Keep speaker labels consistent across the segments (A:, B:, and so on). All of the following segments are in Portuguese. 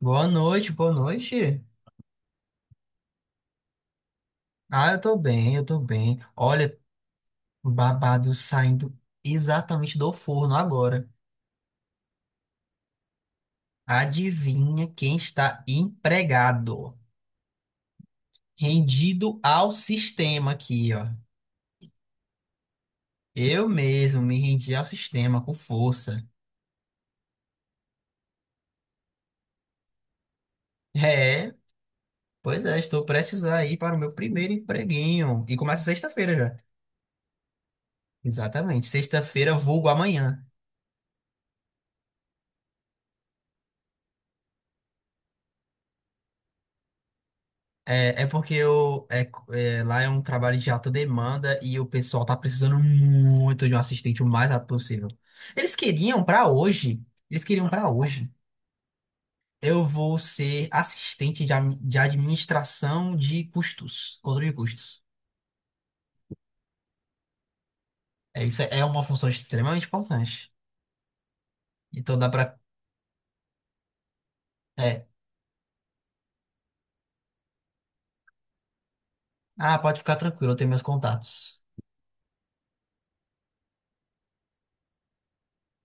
A: Boa noite, boa noite. Ah, eu tô bem, eu tô bem. Olha, o babado saindo exatamente do forno agora. Adivinha quem está empregado? Rendido ao sistema aqui, ó. Eu mesmo me rendi ao sistema com força. É, pois é, estou prestes a ir para o meu primeiro empreguinho. E começa sexta-feira já. Exatamente, sexta-feira, vulgo amanhã. É, é porque lá é um trabalho de alta demanda e o pessoal tá precisando muito de um assistente o mais rápido possível. Eles queriam pra hoje, eles queriam pra hoje. Eu vou ser assistente de administração de custos, controle de custos. É, isso é uma função extremamente importante. Então dá pra. É. Ah, pode ficar tranquilo, eu tenho meus contatos.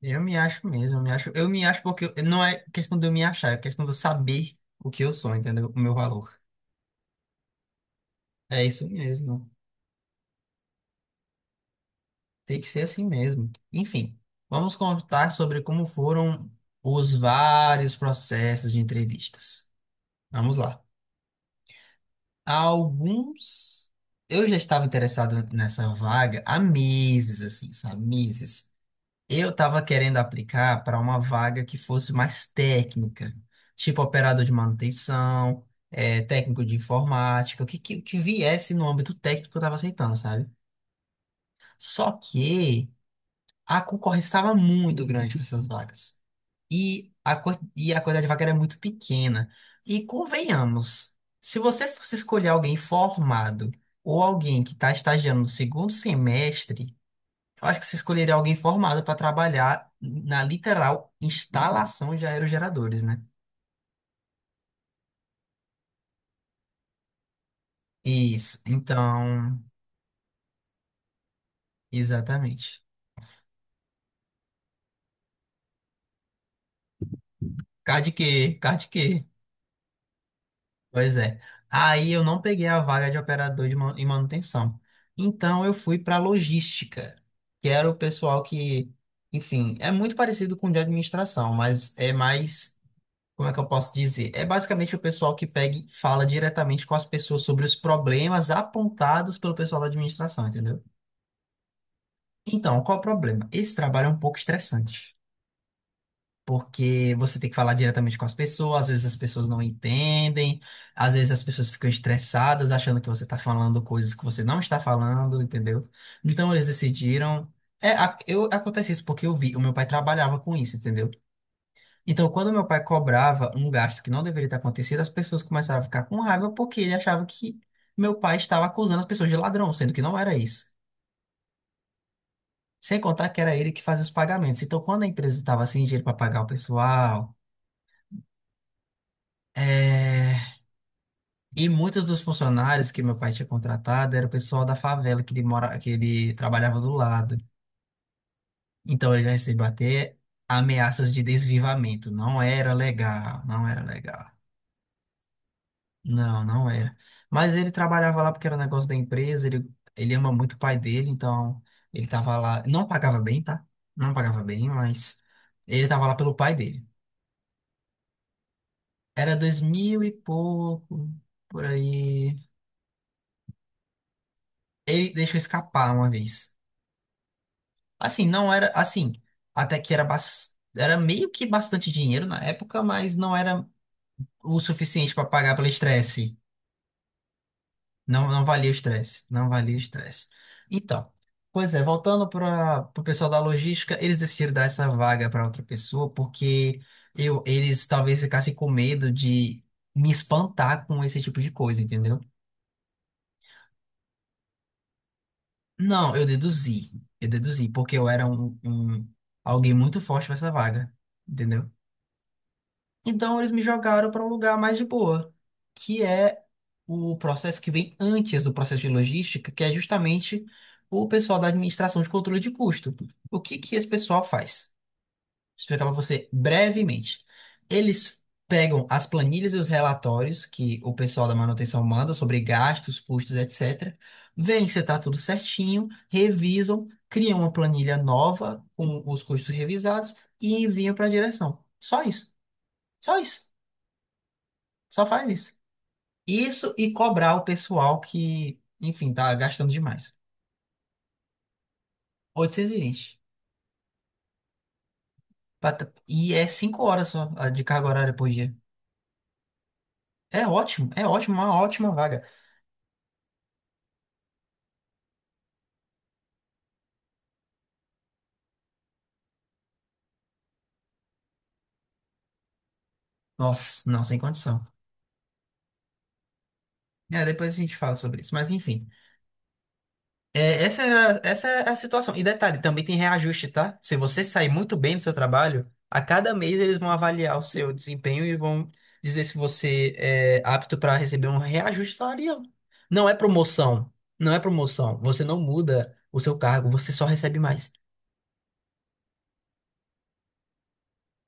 A: Eu me acho mesmo, eu me acho. Eu me acho porque não é questão de eu me achar, é questão de eu saber o que eu sou, entendeu? O meu valor. É isso mesmo. Tem que ser assim mesmo. Enfim, vamos contar sobre como foram os vários processos de entrevistas. Vamos lá. Alguns eu já estava interessado nessa vaga há meses, assim, sabe? Meses. Eu estava querendo aplicar para uma vaga que fosse mais técnica, tipo operador de manutenção, técnico de informática, o que viesse no âmbito técnico eu estava aceitando, sabe? Só que a concorrência estava muito grande para essas vagas. E a quantidade de vaga era muito pequena. E convenhamos, se você fosse escolher alguém formado ou alguém que está estagiando no segundo semestre, eu acho que você escolheria alguém formado para trabalhar na literal instalação de aerogeradores, né? Isso. Então, exatamente. Card que, card que. Pois é. Aí eu não peguei a vaga de operador de manutenção. Então eu fui para logística, que era o pessoal que, enfim, é muito parecido com o de administração, mas é mais, como é que eu posso dizer? É basicamente o pessoal que pega e fala diretamente com as pessoas sobre os problemas apontados pelo pessoal da administração, entendeu? Então, qual o problema? Esse trabalho é um pouco estressante, porque você tem que falar diretamente com as pessoas, às vezes as pessoas não entendem, às vezes as pessoas ficam estressadas achando que você está falando coisas que você não está falando, entendeu? Então eles decidiram. É, eu, acontece isso porque eu vi, o meu pai trabalhava com isso, entendeu? Então, quando meu pai cobrava um gasto que não deveria ter acontecido, as pessoas começaram a ficar com raiva porque ele achava que meu pai estava acusando as pessoas de ladrão, sendo que não era isso. Sem contar que era ele que fazia os pagamentos. Então, quando a empresa estava sem dinheiro para pagar o pessoal, é, E muitos dos funcionários que meu pai tinha contratado era o pessoal da favela que ele mora, que ele trabalhava do lado. Então ele já recebeu até ameaças de desvivamento. Não era legal, não era legal. Não, não era. Mas ele trabalhava lá porque era um negócio da empresa, ele ama muito o pai dele, então ele tava lá. Não pagava bem, tá? Não pagava bem, mas ele tava lá pelo pai dele. Era dois mil e pouco, por aí. Ele deixou escapar uma vez. Assim, não era, assim, até que era, era meio que bastante dinheiro na época, mas não era o suficiente para pagar pelo estresse. Não, não valia o estresse, não valia o estresse. Então, pois é, voltando para o pessoal da logística, eles decidiram dar essa vaga para outra pessoa porque eles talvez ficassem com medo de me espantar com esse tipo de coisa, entendeu? Não, eu deduzi, porque eu era alguém muito forte para essa vaga, entendeu? Então eles me jogaram para um lugar mais de boa, que é o processo que vem antes do processo de logística, que é justamente o pessoal da administração de controle de custo. O que que esse pessoal faz? Vou explicar para você brevemente. Eles pegam as planilhas e os relatórios que o pessoal da manutenção manda sobre gastos, custos, etc. Vêem se está tudo certinho, revisam, criam uma planilha nova com os custos revisados e enviam para a direção. Só isso. Só isso. Só faz isso. Isso e cobrar o pessoal que, enfim, tá gastando demais. 820. E é 5 horas só a de carga horária por dia. É ótimo, uma ótima vaga. Nossa, não, sem condição. É, depois a gente fala sobre isso, mas enfim. É, essa era, essa é a situação. E detalhe, também tem reajuste, tá? Se você sair muito bem do seu trabalho, a cada mês eles vão avaliar o seu desempenho e vão dizer se você é apto para receber um reajuste salarial. Não é promoção, não é promoção. Você não muda o seu cargo, você só recebe mais.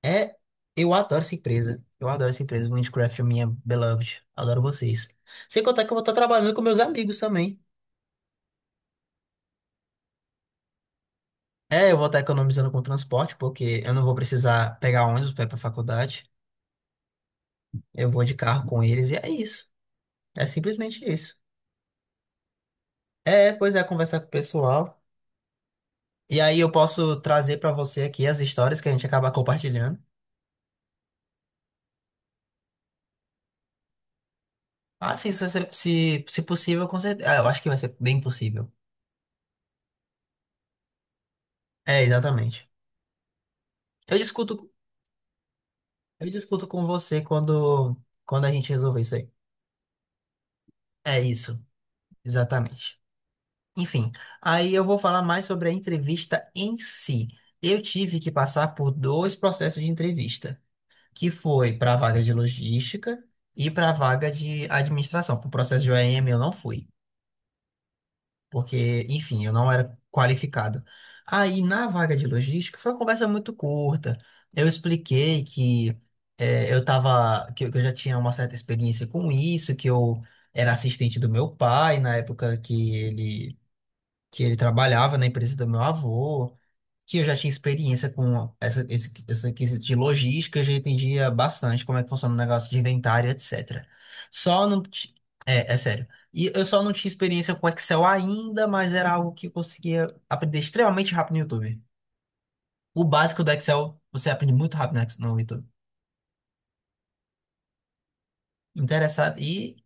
A: É, eu adoro essa empresa. Eu adoro essa empresa. Minecraft, minha beloved. Adoro vocês. Sem contar que eu vou estar trabalhando com meus amigos também. É, eu vou estar economizando com transporte, porque eu não vou precisar pegar ônibus para ir para faculdade. Eu vou de carro com eles e é isso. É simplesmente isso. É, pois é, conversar com o pessoal. E aí eu posso trazer para você aqui as histórias que a gente acaba compartilhando. Ah, sim, se possível, com certeza. Ah, eu acho que vai ser bem possível. É, exatamente. Eu discuto, eu discuto com você quando a gente resolver isso aí. É isso, exatamente. Enfim, aí eu vou falar mais sobre a entrevista em si. Eu tive que passar por dois processos de entrevista, que foi para a vaga de logística e para a vaga de administração. Para o processo de OEM eu não fui, porque, enfim, eu não era qualificado. Aí na vaga de logística foi uma conversa muito curta. Eu expliquei que eh, eu tava, que eu já tinha uma certa experiência com isso, que eu era assistente do meu pai na época que ele trabalhava na empresa do meu avô, que eu já tinha experiência com essa quesito de logística, eu já entendia bastante como é que funciona o negócio de inventário, etc. Só não. É, é sério. E eu só não tinha experiência com Excel ainda, mas era algo que eu conseguia aprender extremamente rápido no YouTube. O básico do Excel você aprende muito rápido no YouTube. Interessado. E,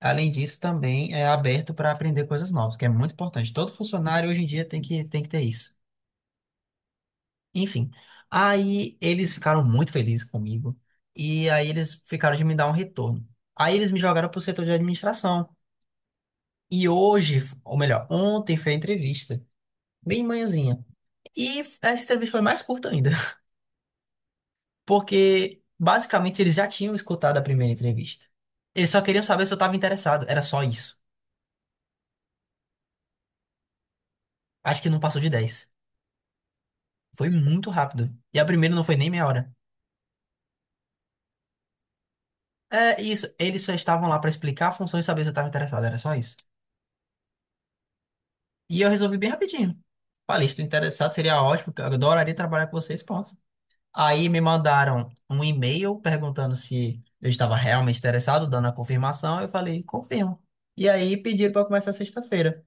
A: além disso, também é aberto para aprender coisas novas, que é muito importante. Todo funcionário hoje em dia tem que ter isso. Enfim, aí eles ficaram muito felizes comigo e aí eles ficaram de me dar um retorno. Aí eles me jogaram pro setor de administração. E hoje, ou melhor, ontem foi a entrevista, bem manhãzinha. E essa entrevista foi mais curta ainda, porque basicamente eles já tinham escutado a primeira entrevista. Eles só queriam saber se eu estava interessado, era só isso. Acho que não passou de 10. Foi muito rápido. E a primeira não foi nem meia hora. É isso, eles só estavam lá para explicar a função e saber se eu estava interessado, era só isso. E eu resolvi bem rapidinho. Falei, estou interessado, seria ótimo, eu adoraria trabalhar com vocês, ponto. Aí me mandaram um e-mail perguntando se eu estava realmente interessado, dando a confirmação. Eu falei, confirmo. E aí pediram para começar sexta-feira.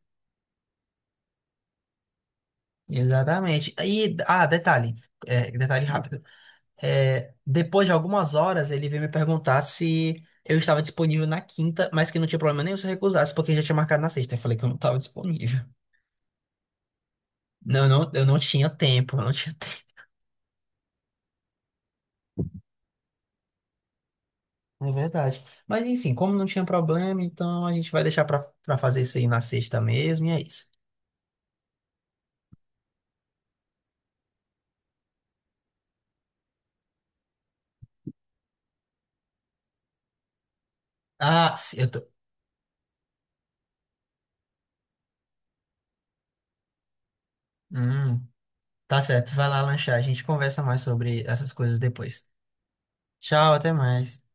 A: Exatamente. E, ah, detalhe, detalhe rápido. É, depois de algumas horas, ele veio me perguntar se eu estava disponível na quinta, mas que não tinha problema nenhum se eu recusasse, porque já tinha marcado na sexta. Eu falei que eu não estava disponível. Não, eu não tinha tempo, eu não tinha É verdade. Mas enfim, como não tinha problema, então a gente vai deixar pra fazer isso aí na sexta mesmo, e é isso. Ah, eu tô. Hum, tá certo, vai lá lanchar. A gente conversa mais sobre essas coisas depois. Tchau, até mais.